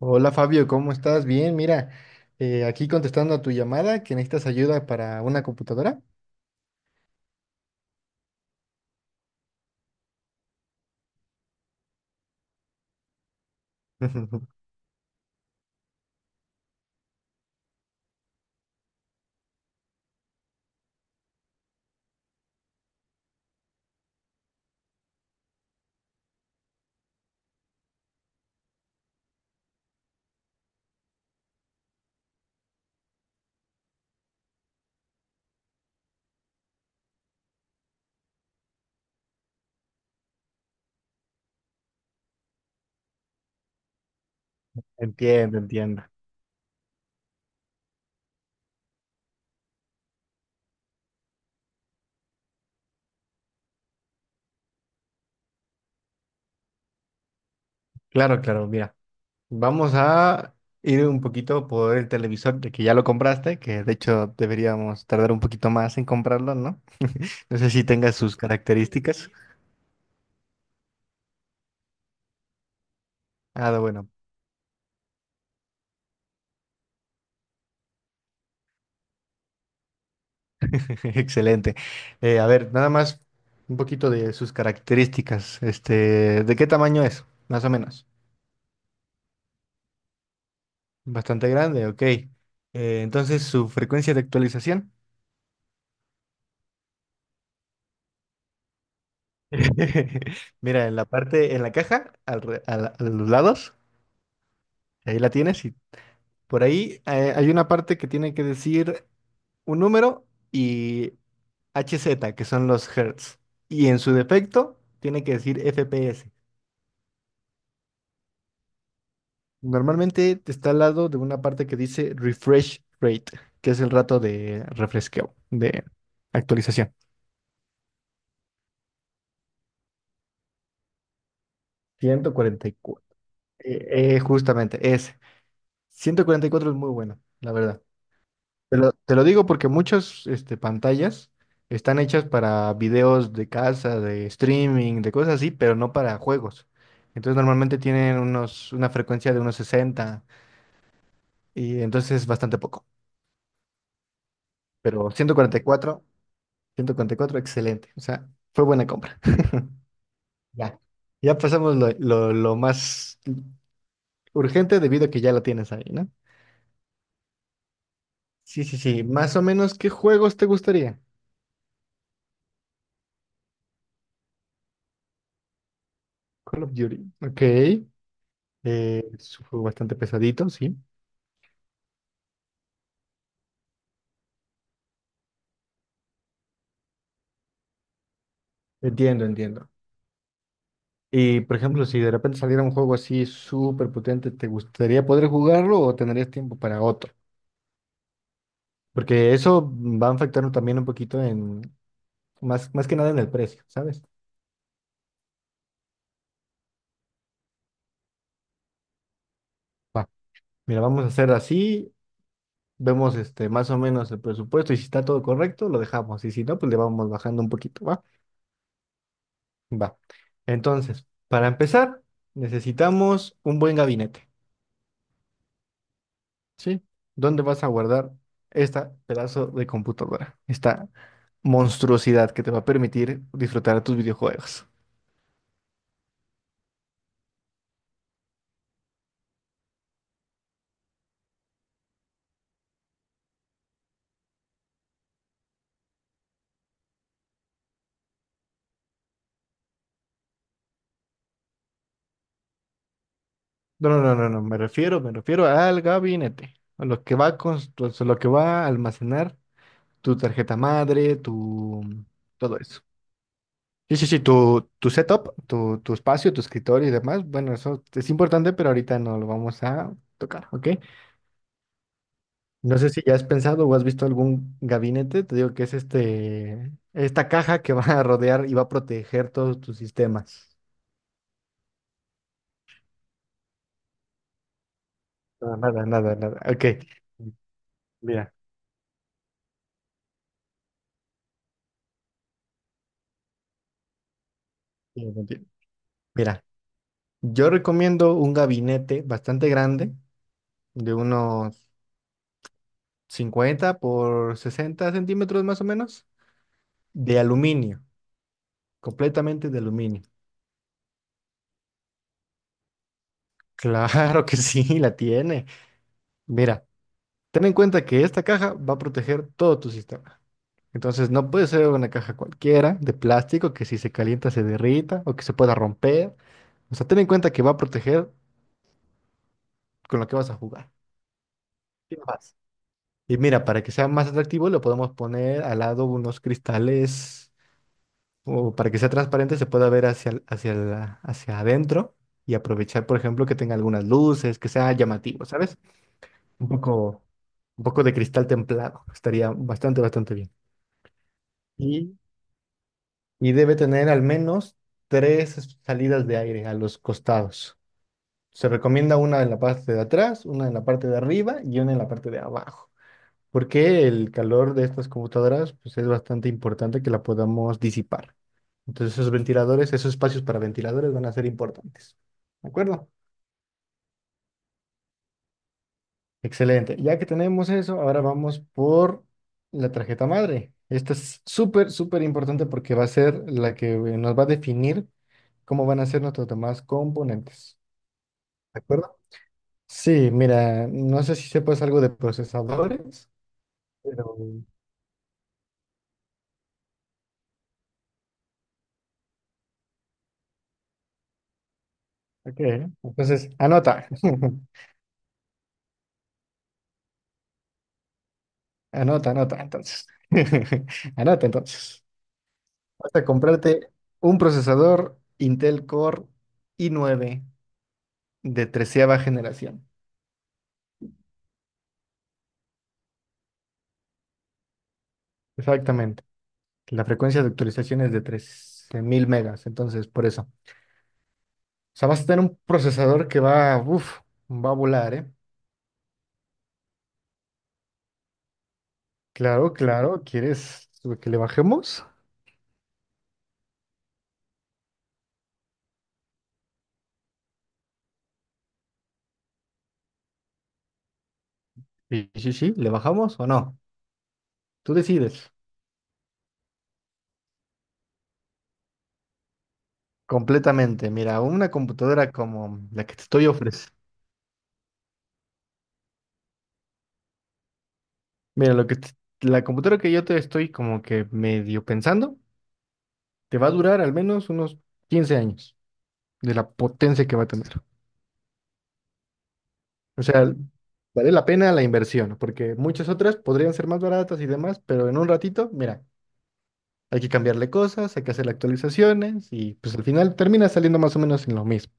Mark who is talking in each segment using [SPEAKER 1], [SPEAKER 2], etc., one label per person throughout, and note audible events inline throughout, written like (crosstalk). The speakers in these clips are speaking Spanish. [SPEAKER 1] Hola Fabio, ¿cómo estás? Bien, mira, aquí contestando a tu llamada que necesitas ayuda para una computadora. (laughs) Entiendo, entiendo. Claro, claro, mira, vamos a ir un poquito por el televisor, de que ya lo compraste, que de hecho deberíamos tardar un poquito más en comprarlo, ¿no? No sé si tenga sus características. Ah, bueno, (laughs) excelente. A ver, nada más un poquito de sus características. Este, ¿de qué tamaño es, más o menos? Bastante grande, ok. Entonces, su frecuencia de actualización. (laughs) Mira, en la caja, al re- a la- a los lados, ahí la tienes y por ahí hay una parte que tiene que decir un número y HZ, que son los hertz. Y en su defecto, tiene que decir FPS. Normalmente está al lado de una parte que dice refresh rate, que es el rato de refresqueo, de actualización. 144. Justamente, es 144, es muy bueno, la verdad. Te lo digo porque muchas este, pantallas están hechas para videos de casa, de streaming, de cosas así, pero no para juegos. Entonces normalmente tienen unos, una frecuencia de unos 60 y entonces es bastante poco. Pero cuatro 144, excelente. O sea, fue buena compra. (laughs) Ya. Ya pasamos lo más urgente debido a que ya lo tienes ahí, ¿no? Sí, sí, sí. Más o menos, ¿qué juegos te gustaría? Call of Duty. Ok. Es un juego bastante pesadito, sí. Entiendo, entiendo. Y por ejemplo, si de repente saliera un juego así súper potente, ¿te gustaría poder jugarlo o tendrías tiempo para otro? Porque eso va a afectar también un poquito en, más que nada en el precio, ¿sabes? Va, mira, vamos a hacer así, vemos este, más o menos el presupuesto y si está todo correcto, lo dejamos. Y si no, pues le vamos bajando un poquito, ¿va? Va. Entonces, para empezar, necesitamos un buen gabinete. ¿Sí? ¿Dónde vas a guardar esta pedazo de computadora? Esta monstruosidad que te va a permitir disfrutar de tus videojuegos. No, no, no, no, no, me refiero al gabinete, a lo que lo que va a almacenar tu tarjeta madre, tu todo eso. Sí, sí, sí, tu setup, tu espacio, tu escritorio y demás, bueno, eso es importante, pero ahorita no lo vamos a tocar, ¿ok? No sé si ya has pensado o has visto algún gabinete, te digo que es este, esta caja que (laughs) va a rodear y va a proteger todos tus sistemas. No, nada, nada, nada. Ok. Mira. mira, conti- Mira, yo recomiendo un gabinete bastante grande, de unos 50 por 60 centímetros más o menos, de aluminio, completamente de aluminio. (laughs) Claro que sí, la tiene. Mira. Ten en cuenta que esta caja va a proteger todo tu sistema. Entonces no puede ser una caja cualquiera de plástico que si se calienta se derrita o que se pueda romper. O sea, ten en cuenta que va a proteger con lo que vas a jugar. Sin más. Y mira, para que sea más atractivo, le podemos poner al lado unos cristales o para que sea transparente se pueda ver hacia adentro y aprovechar, por ejemplo, que tenga algunas luces, que sea llamativo, ¿sabes? Un poco, un poco de cristal templado. Estaría bastante, bastante bien. Y y debe tener al menos tres salidas de aire a los costados. Se recomienda una en la parte de atrás, una en la parte de arriba y una en la parte de abajo, porque el calor de estas computadoras pues, es bastante importante que la podamos disipar. Entonces esos ventiladores, esos espacios para ventiladores van a ser importantes. ¿De acuerdo? Excelente. Ya que tenemos eso, ahora vamos por la tarjeta madre. Esta es súper, súper importante porque va a ser la que nos va a definir cómo van a ser nuestros demás componentes. ¿De acuerdo? Sí, mira, no sé si sepas algo de procesadores, pero... Ok, entonces, anota. (laughs) Anota, anota, entonces. (laughs) Anota, entonces. Vas a comprarte un procesador Intel Core i nueve de treceava generación. Exactamente. La frecuencia de actualización es de 13.000 megas, entonces por eso. O sea, vas a tener un procesador que va, uff, va a volar, ¿eh? Claro, claro, ¿quieres que le bajemos? Sí, sí, sí, ¿le bajamos o no? Tú decides. Completamente. Mira, una computadora como la que te estoy ofreciendo. Mira, lo que te- La computadora que yo te estoy como que medio pensando, te va a durar al menos unos 15 años de la potencia que va a tener. O sea, vale la pena la inversión, porque muchas otras podrían ser más baratas y demás, pero en un ratito, mira, hay que cambiarle cosas, hay que hacer actualizaciones y pues al final termina saliendo más o menos en lo mismo.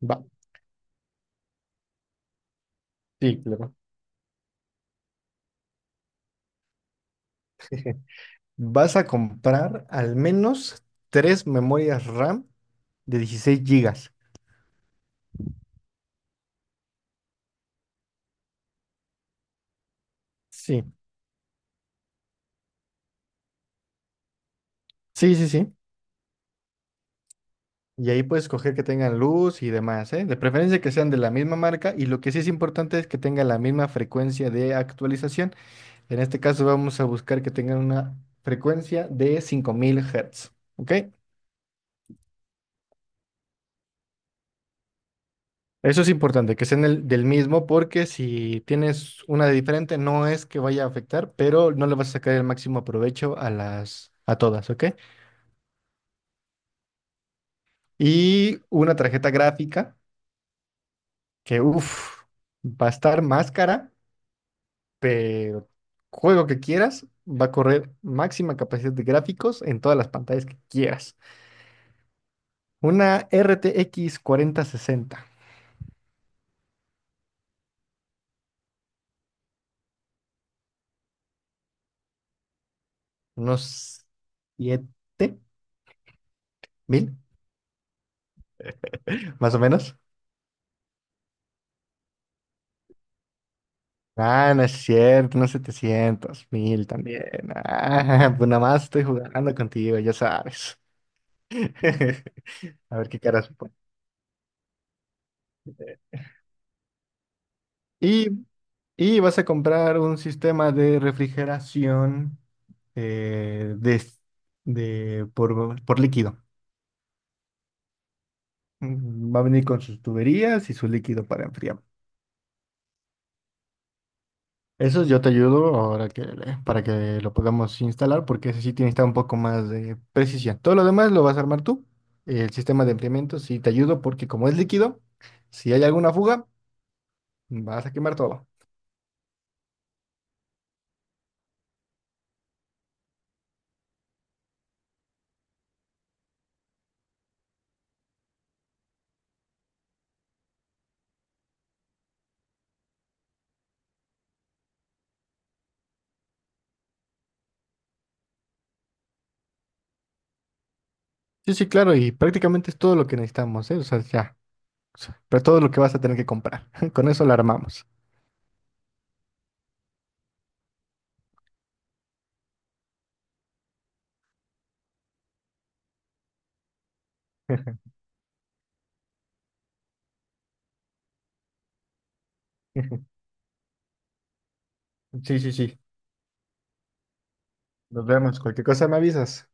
[SPEAKER 1] Va, sí, claro. Vas a comprar al menos tres memorias RAM de 16 gigas. Sí, sí, sí, sí. Y ahí puedes coger que tengan luz y demás, ¿eh? De preferencia que sean de la misma marca y lo que sí es importante es que tengan la misma frecuencia de actualización. En este caso vamos a buscar que tengan una frecuencia de 5000 Hz, ¿ok? Eso es importante, que sean del mismo, porque si tienes una de diferente, no es que vaya a afectar, pero no le vas a sacar el máximo provecho a a todas, ¿ok? Y una tarjeta gráfica que, uff, va a estar más cara, pero juego que quieras, va a correr máxima capacidad de gráficos en todas las pantallas que quieras. Una RTX 60. Unos 7000, (laughs) más o menos. Ah, no es cierto, unos 700.000 también. Ah, (laughs) pues nada más estoy jugando contigo, ya sabes. (laughs) A ver qué caras me pone. Y, y vas a comprar un sistema de refrigeración eh, de, por líquido. Mm, va a venir con sus tuberías y su líquido para enfriar. Eso yo te ayudo ahora para que lo podamos instalar, porque ese sí tiene que estar un poco más de precisión. Todo lo demás lo vas a armar tú. El sistema de enfriamiento sí te ayudo porque como es líquido, si hay alguna fuga, vas a quemar todo. Sí, sí, claro, y prácticamente es todo lo que necesitamos, ¿eh? O sea, ya, o sea, pero todo lo que vas a tener que comprar. (laughs) Con eso lo armamos. (laughs) Sí, sí, sí. Nos vemos. Cualquier cosa me avisas.